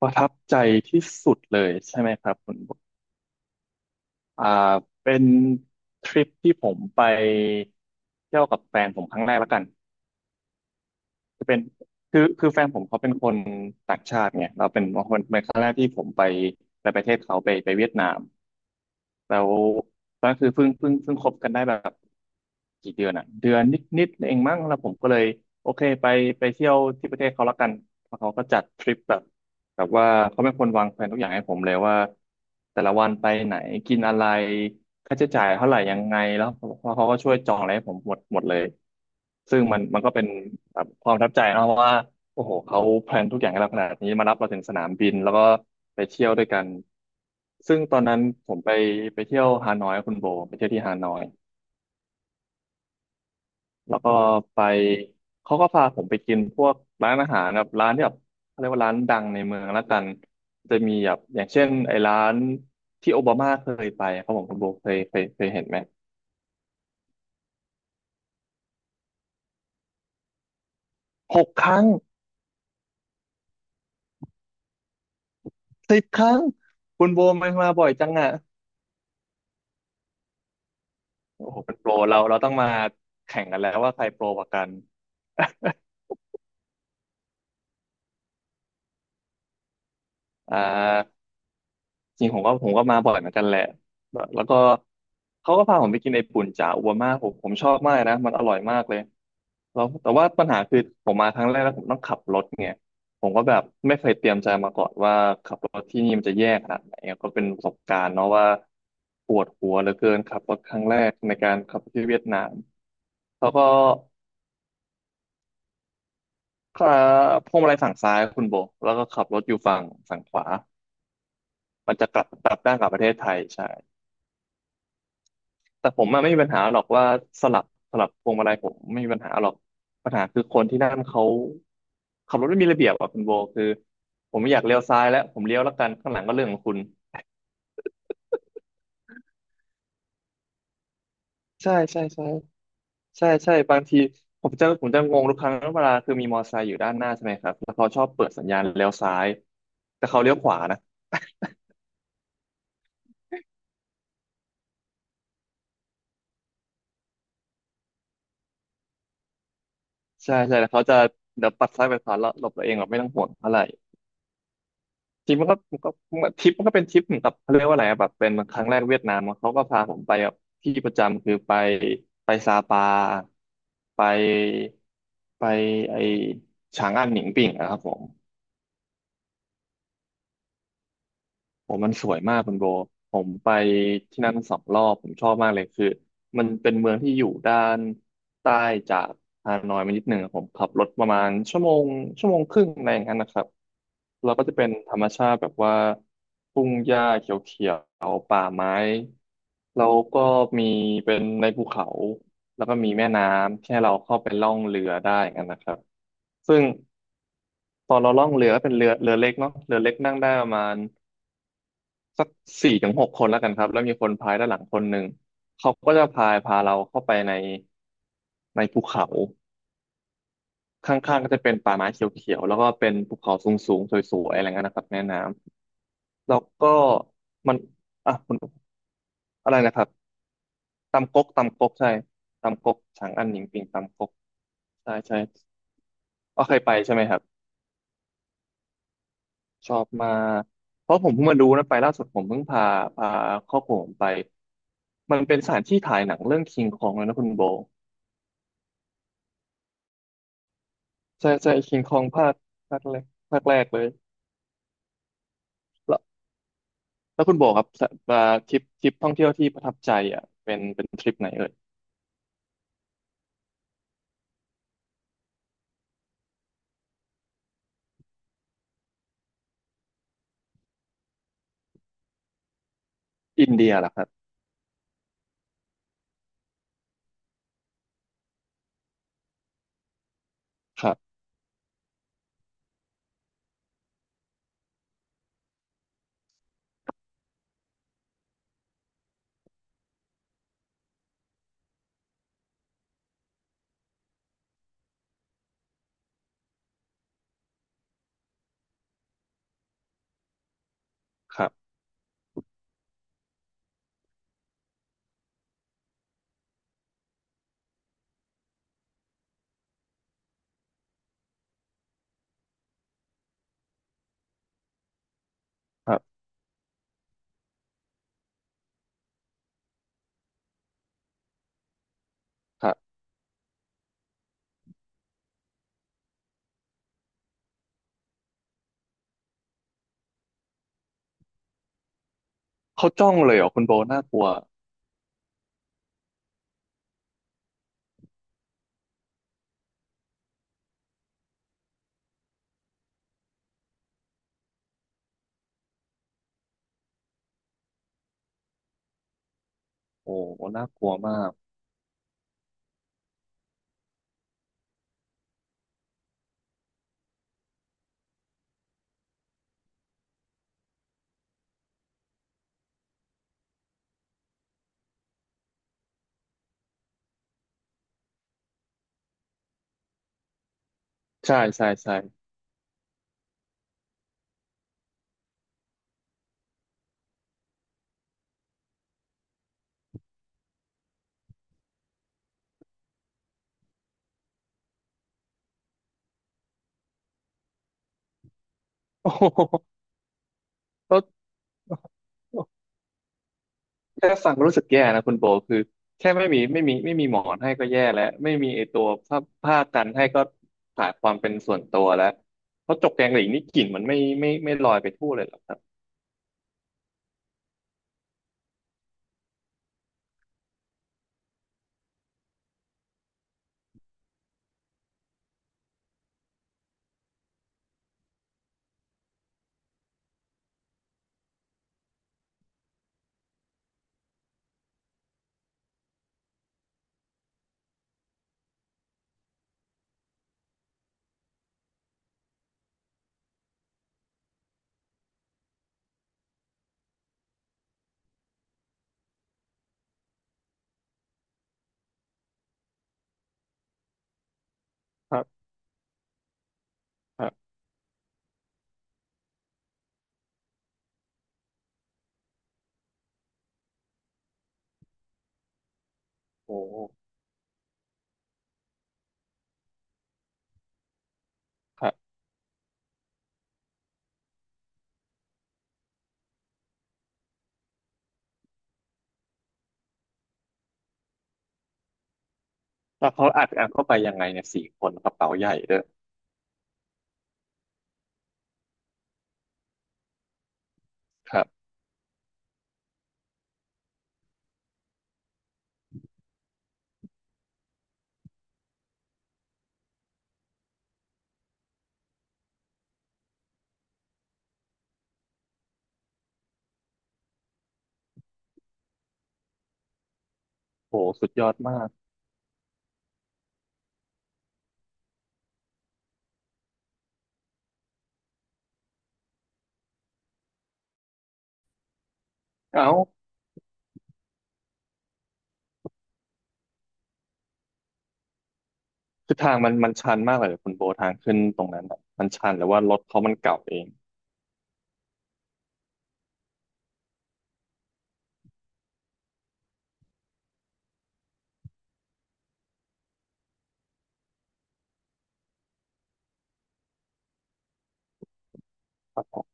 ประทับใจที่สุดเลยใช่ไหมครับคุณบุ๊คอ่าเป็นทริปที่ผมไปเที่ยวกับแฟนผมครั้งแรกแล้วกันจะเป็นคือแฟนผมเขาเป็นคนต่างชาติไงเราเป็นคนเป็นครั้งแรกที่ผมไปประเทศเขาไปเวียดนาม แล้วตอนนั้นคือเพิ่งคบกันได้แบบกี่เดือนอ่ะเดือนนิดเองมั้งแล้วผมก็เลยโอเคไปไปเที่ยวที่ประเทศเขาละกันแล้วเขาก็จัดทริปแบบแบบว่าเขาเป็นคนวางแผนทุกอย่างให้ผมเลยว่าแต่ละวันไปไหนกินอะไรค่าใช้จ่ายเท่าไหร่ยังไงแล้วเขาก็ช่วยจองอะไรให้ผมหมดเลยซึ่งมันก็เป็นแบบความประทับใจเนอะเพราะว่า โอ้โหเขาแพลนทุกอย่างให้เราขนาดนี้มารับเราถึงสนามบินแล้วก็ไปเที่ยวด้วยกันซึ่งตอนนั้นผมไปเที่ยวฮานอยกับคุณโบไปเที่ยวที่ฮานอยแล้วก็ไปเขาก็พาผมไปกินพวกร้านอาหารแบบร้านที่แบบเขาเรียกว่าร้านดังในเมืองละกันจะมีแบบอย่างเช่นไอ้ร้านที่โอบามาเคยไปครับผมคุณโบเคยเห็นไหมหกครั้งสิบครั้งคุณโบมันมาบ่อยจังอ่ะโอ้โหเป็นโปรเราต้องมาแข่งกันแล้วว่าใครโปรกว่ากัน อ่าจริงผมก็มาบ่อยเหมือนกันแหละแล้วก็เขาก็พาผมไปกินไอ้ปุ่นจ่าอัวมาผมชอบมากนะมันอร่อยมากเลยแล้วแต่ว่าปัญหาคือผมมาครั้งแรกแล้วผมต้องขับรถไงผมก็แบบไม่เคยเตรียมใจมาก่อนว่าขับรถที่นี่มันจะแย่ขนาดไหนก็เป็นประสบการณ์เนาะว่าปวดหัวเหลือเกินขับรถครั้งแรกในการขับรถที่เวียดนามแล้วก็ขาพวงมาลัยฝั่งซ้ายคุณโบแล้วก็ขับรถอยู่ฝั่งขวามันจะกลับด้านกลับประเทศไทยใช่ แต่ผมอะไม่มีปัญหาหรอกว่าสลับสลับพวงมาลัยผมไม่มีปัญหาหรอกปัญหาคือคนที่นั่นเขาขับรถไม่มีระเบียบอ่ะคุณโบคือผมไม่อยากเลี้ยวซ้ายแล้วผมเลี้ยวแล้วกันข้างหลังก็เรื่องของคุณใช่ใช่ใช่ใช่ใช่บางทีผมจะงงทุกครั้งเวลาคือมีมอเตอร์ไซค์อยู่ด้านหน้าใช่ไหมครับแล้วเขาชอบเปิดสัญญาณเลี้ยวซ้ายแต่เขาเลี้ยวขวานะใช่ใช่แล้วเขาจะเดี๋ยวปัดซ้ายไปขวาแล้วหลบตัวเองแบบไม่ต้องห่วงเท่าไหร่ ทริปมันก็ทริปมันก็เป็นทริปเหมือนกับเขาเรียกว่าอะไรอะแบบเป็นครั้งแรกเวียดนามอะเขาก็พาผมไปแบบที่ประจำคือไปไปซาปาไปไปไอฉางอันหนิงปิ่งอะครับผม ผมมันสวยมากคุณโบผมไปที่นั่นสองรอบผมชอบมากเลยคือมันเป็นเมืองที่อยู่ด้านใต้จากฮานอยมานิดหนึ่งอะผมขับรถประมาณชั่วโมงชั่วโมงครึ่งอะไรอย่างนั้นนะครับเราก็จะเป็นธรรมชาติแบบว่าทุ่งหญ้าเขียวๆป่าไม้แล้วก็มีเป็นในภูเขาแล้วก็มีแม่น้ำแค่เราเข้าไปล่องเรือได้กันนะครับซึ่งตอนเราล่องเรือก็เป็นเรือเล็กเนาะเรือเล็กนั่งได้ประมาณ สักสี่ถึงหกคนแล้วกันครับแล้วมีคนพายด้านหลังคนหนึ่งเขาก็จะพายพาเราเข้าไปในภูเขาข้างๆก็จะเป็นป่าไม้เขียวๆแล้วก็เป็นภูเขาสูงๆสวยๆอะไรเงี้ยนะครับแม่น้ำแล้วก็มันอ่ะคุณอะไรนะครับตำก๊กใช่ตำก๊กฉางอันหนิงปิงตำก๊กใช่ใช่ก็เคยไปใช่ไหมครับชอบมากเพราะผมเพิ่งมาดูนะไปล่าสุดผมเพิ่งพาครอบครัวผมไปมันเป็นสถานที่ถ่ายหนังเรื่องคิงคองเลยนะคุณโบ ใช่ใช่คิงคองภาคแรกภาคแรกเลยแล้วแล้วคุณโบครับสะทริปท่องเที่ยวที่ประทับใจอ่ะเป็นทริปไหนเอ่ยอินเดียเหรอครับครับครับครับครับเขาจ้องเลยเหรอคุณโบน่ากลัวโอ้โหน่ากลัวมากใช่ใช่ใช่ โอ้โหแล้วแค่ฟังก็รู้สึกแย่นะคุณโบคือแค่ไม่มีหมอนให้ก็แย่แล้วไม่มีไอตัวผ้าผ้ากันให้ก็ขาดความเป็นส่วนตัวแล้วเพราะจกแกงหลีนี่กลิ่นมันไม่ลอยไปทั่วเลยเหรอครับ ครับโอ้ครับแล้วเขาอัดเข้าไปยังไงเนี่ยสี่คนกระเป๋าใหญ่ด้วยครับโอ้สุดยอดมากเอ้าคือทางมันชันมากเลยเหรอคุณโบทางขึ้นตรงนั้นอะมันชันหรือว่ารถเขามันเก่าเองครับผม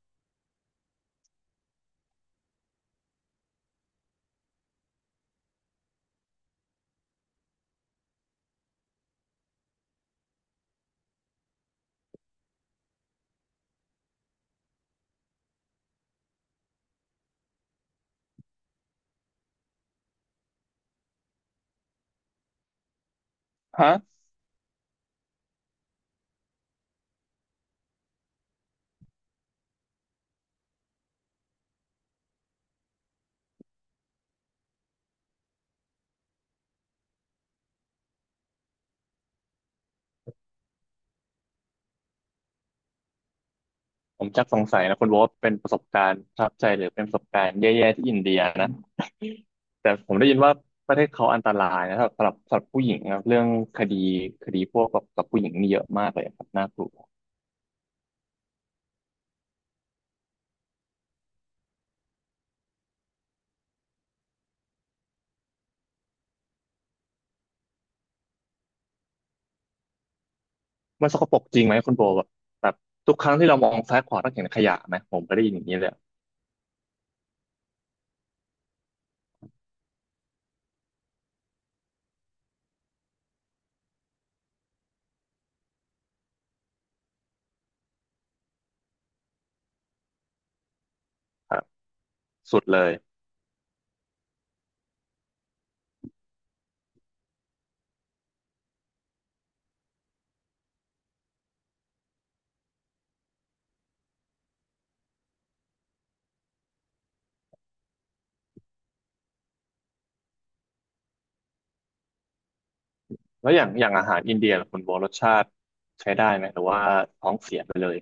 ฮะผมจักสงสัยนะคุณโบทเป็นประสบการณ์ประทับใจหรือเป็นประสบการณ์แย่ๆที่อินเดียนะ แต่ผมได้ยินว่าประเทศเขาอันตรายนะสำหรับผู้หญิงนะเรื่องคดีพวกกับผู้หญิงนี่เยอะมากเลยครับน่ากลัว มันสกปรกจริงไหมคุณโบแบบทุกครั้งที่เรามองซ้ายขวาต้องเห็นขยะไหมผมก็ได้ยินอย่างนี้เลยครับสุดเลยแล้วอย่างอาหารอินเดียล่ะคุณโบรสชาติใช้ได้ไหมหรือว่าท้องเสียไปเลย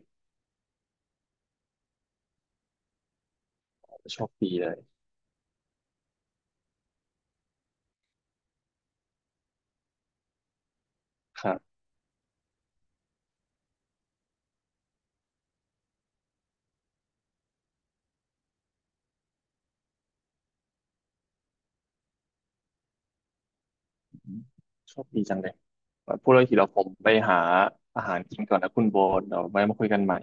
โชคดีเลยครับโชคดีจังเลยพูดเรื่องทีเราผมไปหาอาหารกินก่อนนะคุณโบเดี๋ยวไว้มาคุยกันใหม่